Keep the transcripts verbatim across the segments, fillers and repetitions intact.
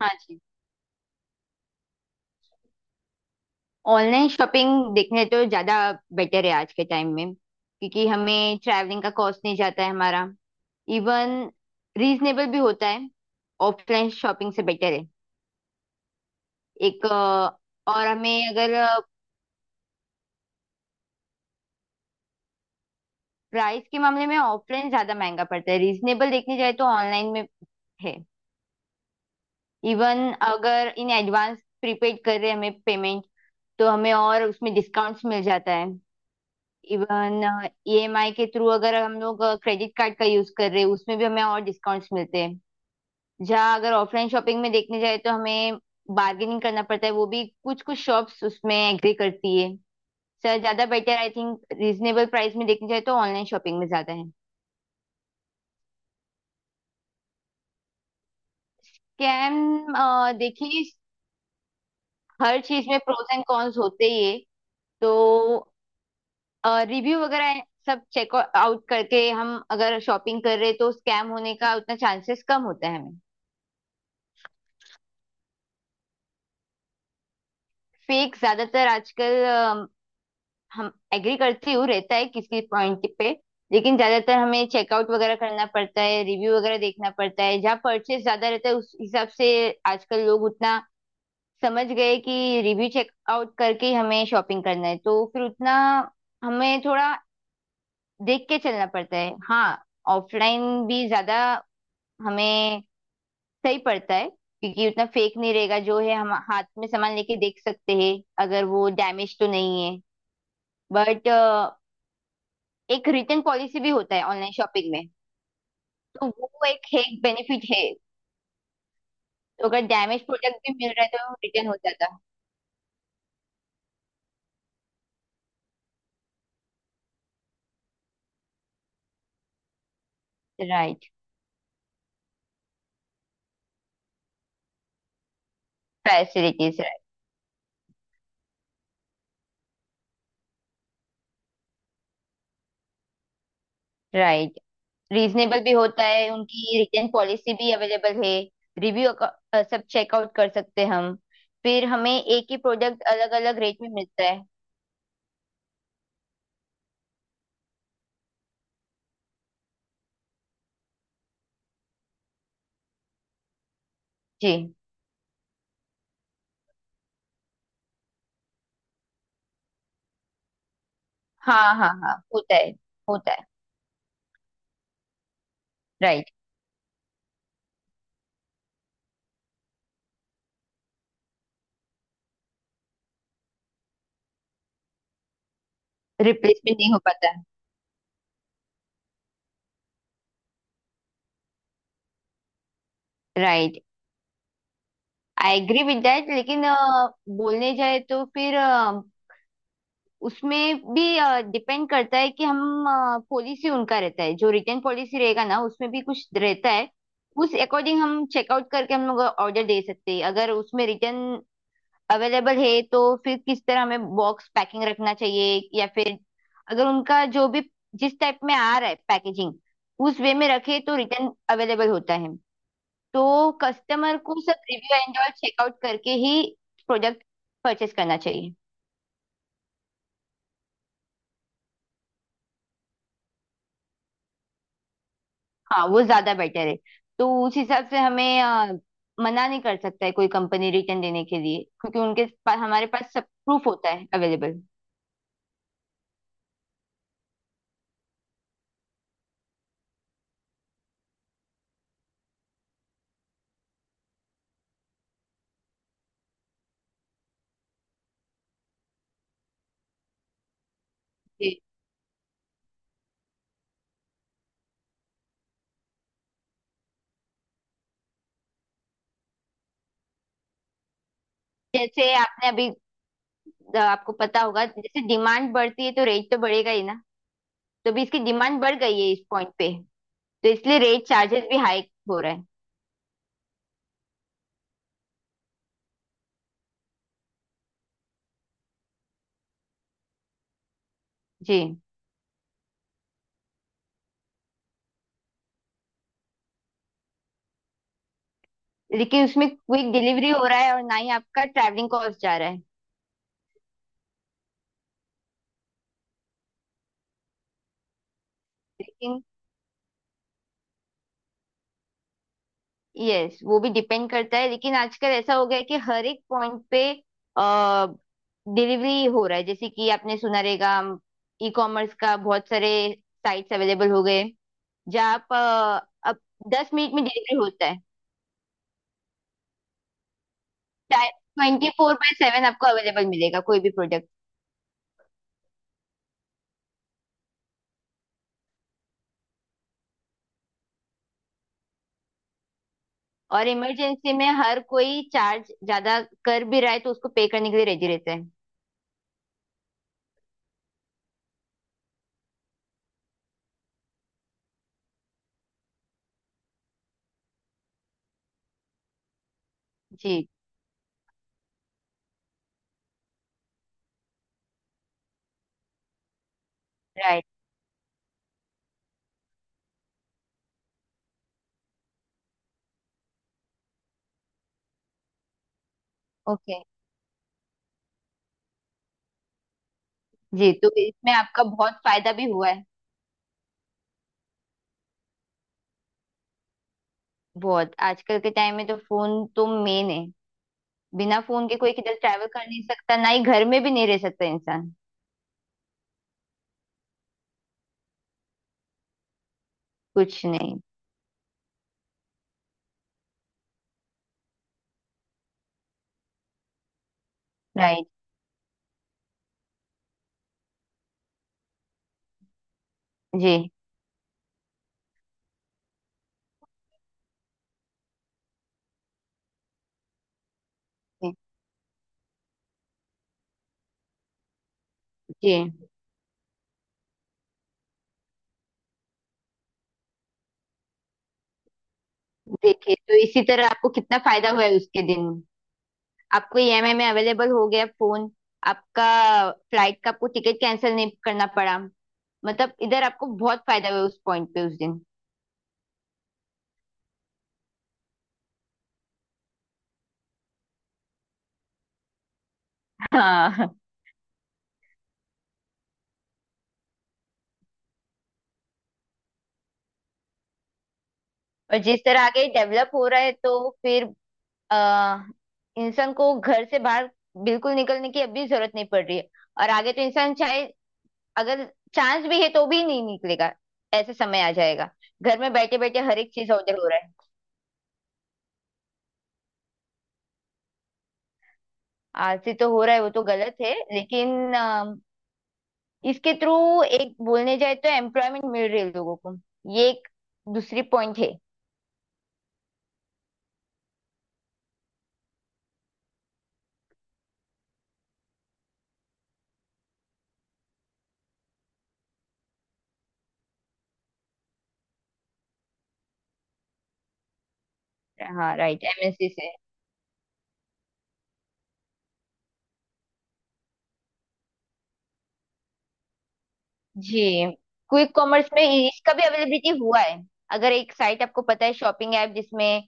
हाँ जी। Online shopping देखने तो ज़्यादा बेटर है आज के टाइम में, क्योंकि हमें ट्रैवलिंग का कॉस्ट नहीं जाता है हमारा। इवन रीजनेबल भी होता है, ऑफलाइन शॉपिंग से बेटर है। एक अ, और हमें अगर प्राइस के मामले में ऑफलाइन ज़्यादा महंगा पड़ता है, रीजनेबल देखने जाए तो ऑनलाइन में है। इवन अगर इन एडवांस प्रीपेड कर रहे हैं हमें पेमेंट, तो हमें और उसमें डिस्काउंट्स मिल जाता है। इवन ई एम आई के थ्रू अगर हम लोग क्रेडिट कार्ड का यूज कर रहे हैं, उसमें भी हमें और डिस्काउंट्स मिलते हैं। जहाँ अगर ऑफलाइन शॉपिंग में देखने जाए तो हमें बार्गेनिंग करना पड़ता है, वो भी कुछ कुछ शॉप्स उसमें एग्री करती है। सर ज्यादा better I think, reasonable price में देखने जाए तो ऑनलाइन शॉपिंग में ज्यादा है। कैम। देखिए, हर चीज में प्रोस एंड कॉन्स होते ही है, तो रिव्यू वगैरह सब चेक आउट करके हम अगर शॉपिंग कर रहे हैं तो स्कैम होने का उतना चांसेस कम होता है हमें। फेक ज्यादातर आजकल अम, हम एग्री करती हूँ, रहता है किसी पॉइंट पे, लेकिन ज्यादातर हमें चेकआउट वगैरह करना पड़ता है, रिव्यू वगैरह देखना पड़ता है, जहाँ परचेस ज्यादा रहता है उस हिसाब से। आजकल लोग उतना समझ गए कि रिव्यू चेकआउट करके ही हमें शॉपिंग करना है, तो फिर उतना हमें थोड़ा देख के चलना पड़ता है हाँ। ऑफलाइन भी ज्यादा हमें सही पड़ता है, क्योंकि उतना फेक नहीं रहेगा, जो है हम हाथ में सामान लेके देख सकते हैं अगर वो डैमेज तो नहीं है। बट एक रिटर्न पॉलिसी भी होता है ऑनलाइन शॉपिंग में, तो वो एक है, बेनिफिट है। तो अगर डैमेज प्रोडक्ट भी मिल रहा है तो रिटर्न हो जाता है। Right. Facilities right. Right. Reasonable भी होता है, उनकी रिटर्न पॉलिसी भी अवेलेबल है। रिव्यू सब चेकआउट कर सकते हैं हम। फिर हमें एक ही प्रोडक्ट अलग अलग रेट में मिलता है। जी। हाँ हाँ हाँ, होता है। होता है। राइट। रिप्लेसमेंट नहीं हो पाता। Right. I agree with that, लेकिन अ, बोलने जाए तो फिर उसमें भी डिपेंड करता है कि हम पॉलिसी उनका रहता है, जो रिटर्न पॉलिसी रहेगा ना उसमें भी कुछ रहता है। उस अकॉर्डिंग हम चेकआउट करके हम लोग ऑर्डर दे सकते हैं। अगर उसमें रिटर्न अवेलेबल है, तो फिर किस तरह हमें बॉक्स पैकिंग रखना चाहिए, या फिर अगर उनका जो भी जिस टाइप में आ रहा है पैकेजिंग, उस वे में रखे तो रिटर्न अवेलेबल होता है। तो कस्टमर को सब रिव्यू एंड ऑल चेकआउट करके ही प्रोडक्ट परचेस करना चाहिए। हाँ वो ज्यादा बेटर है। तो उस हिसाब से हमें अ, मना नहीं कर सकता है कोई कंपनी रिटर्न देने के लिए, क्योंकि उनके पास हमारे पास सब प्रूफ होता है अवेलेबल। जी। जैसे आपने अभी अ, आपको पता होगा, जैसे डिमांड बढ़ती है तो रेट तो बढ़ेगा ही ना। तो भी इसकी डिमांड बढ़ गई है इस पॉइंट पे, तो इसलिए रेट चार्जेस भी हाई हो रहा है। जी। लेकिन उसमें क्विक डिलीवरी हो रहा है, और ना ही आपका ट्रैवलिंग कॉस्ट जा रहा है। लेकिन यस, वो भी डिपेंड करता है, लेकिन आजकल ऐसा हो गया है कि हर एक पॉइंट पे आ, डिलीवरी हो रहा है। जैसे कि आपने सुना रहेगा, ई कॉमर्स का बहुत सारे साइट्स अवेलेबल हो गए, जहाँ आप अ, अब दस मिनट में डिलीवरी होता है। ट्वेंटी फोर बाय सेवन आपको अवेलेबल मिलेगा कोई भी प्रोडक्ट। और इमरजेंसी में हर कोई चार्ज ज्यादा कर भी रहा है, तो उसको पे करने के लिए रेडी रहता है। जी। राइट। ओके। जी, तो इसमें आपका बहुत फायदा भी हुआ है। बहुत, आजकल के टाइम में तो फोन तो मेन है। बिना फोन के कोई किधर ट्रैवल कर नहीं सकता, ना ही घर में भी नहीं रह सकता इंसान। कुछ नहीं। राइट। जी। जी। जी। देखिए, तो इसी तरह आपको कितना फायदा हुआ है उसके दिन। आपको ई एम आई में अवेलेबल हो गया फोन, आपका फ्लाइट का आपको टिकट कैंसिल नहीं करना पड़ा। मतलब इधर आपको बहुत फायदा हुआ उस पॉइंट पे उस दिन। हाँ। और जिस तरह आगे डेवलप हो रहा है, तो फिर अ, इंसान को घर से बाहर बिल्कुल निकलने की अभी जरूरत नहीं पड़ रही है। और आगे तो इंसान चाहे अगर चांस भी है तो भी नहीं निकलेगा, ऐसे समय आ जाएगा। घर में बैठे बैठे हर एक चीज ऑर्डर हो रहा है। आलसी तो हो रहा है वो तो गलत है, लेकिन अ, इसके थ्रू एक बोलने जाए तो एम्प्लॉयमेंट मिल रही है लोगों को, ये एक दूसरी पॉइंट है। हाँ राइट, एम एन सी से। जी। क्विक कॉमर्स में इसका भी अवेलेबिलिटी हुआ है। अगर एक साइट आपको पता है, शॉपिंग ऐप, जिसमें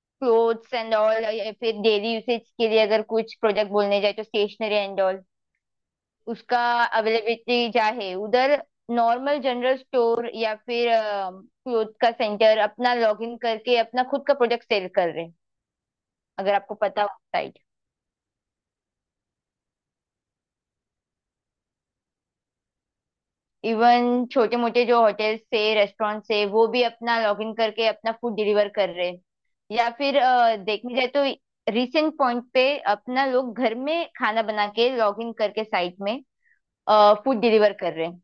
क्लोथ्स एंड ऑल या फिर डेली यूसेज के लिए अगर कुछ प्रोडक्ट बोलने जाए तो स्टेशनरी एंड ऑल, उसका अवेलेबिलिटी क्या है उधर। नॉर्मल जनरल स्टोर या फिर क्लोथ का सेंटर अपना लॉग इन करके अपना खुद का प्रोडक्ट सेल कर रहे हैं, अगर आपको पता हो साइट। इवन छोटे मोटे जो होटल्स से रेस्टोरेंट से, वो भी अपना लॉग इन करके अपना फूड डिलीवर कर रहे हैं। या फिर अ, देखने जाए तो रिसेंट पॉइंट पे अपना लोग घर में खाना बना के लॉग इन करके साइट में फूड डिलीवर कर रहे हैं।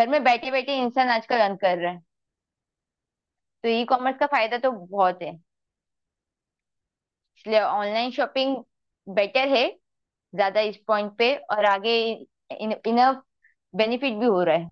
घर में बैठे बैठे इंसान आजकल अर्न कर रहा है। तो ई कॉमर्स का फायदा तो बहुत है, इसलिए ऑनलाइन शॉपिंग बेटर है ज्यादा इस पॉइंट पे, और आगे इन, इनफ बेनिफिट भी हो रहा है।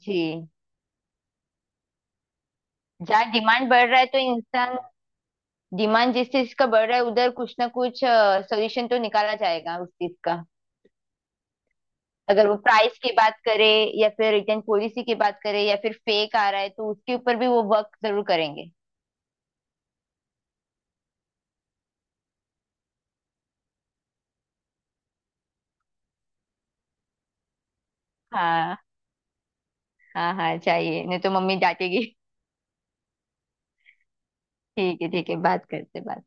जी। जहाँ डिमांड बढ़ रहा है तो इंसान, डिमांड जिस चीज का बढ़ रहा है उधर कुछ ना कुछ सोल्यूशन तो निकाला जाएगा उस चीज का। अगर वो प्राइस की बात करे या फिर रिटर्न पॉलिसी की बात करे या फिर फेक आ रहा है, तो उसके ऊपर भी वो वर्क जरूर करेंगे। हाँ। हाँ हाँ, चाहिए, नहीं तो मम्मी डांटेगी। ठीक है ठीक है, बात करते बात।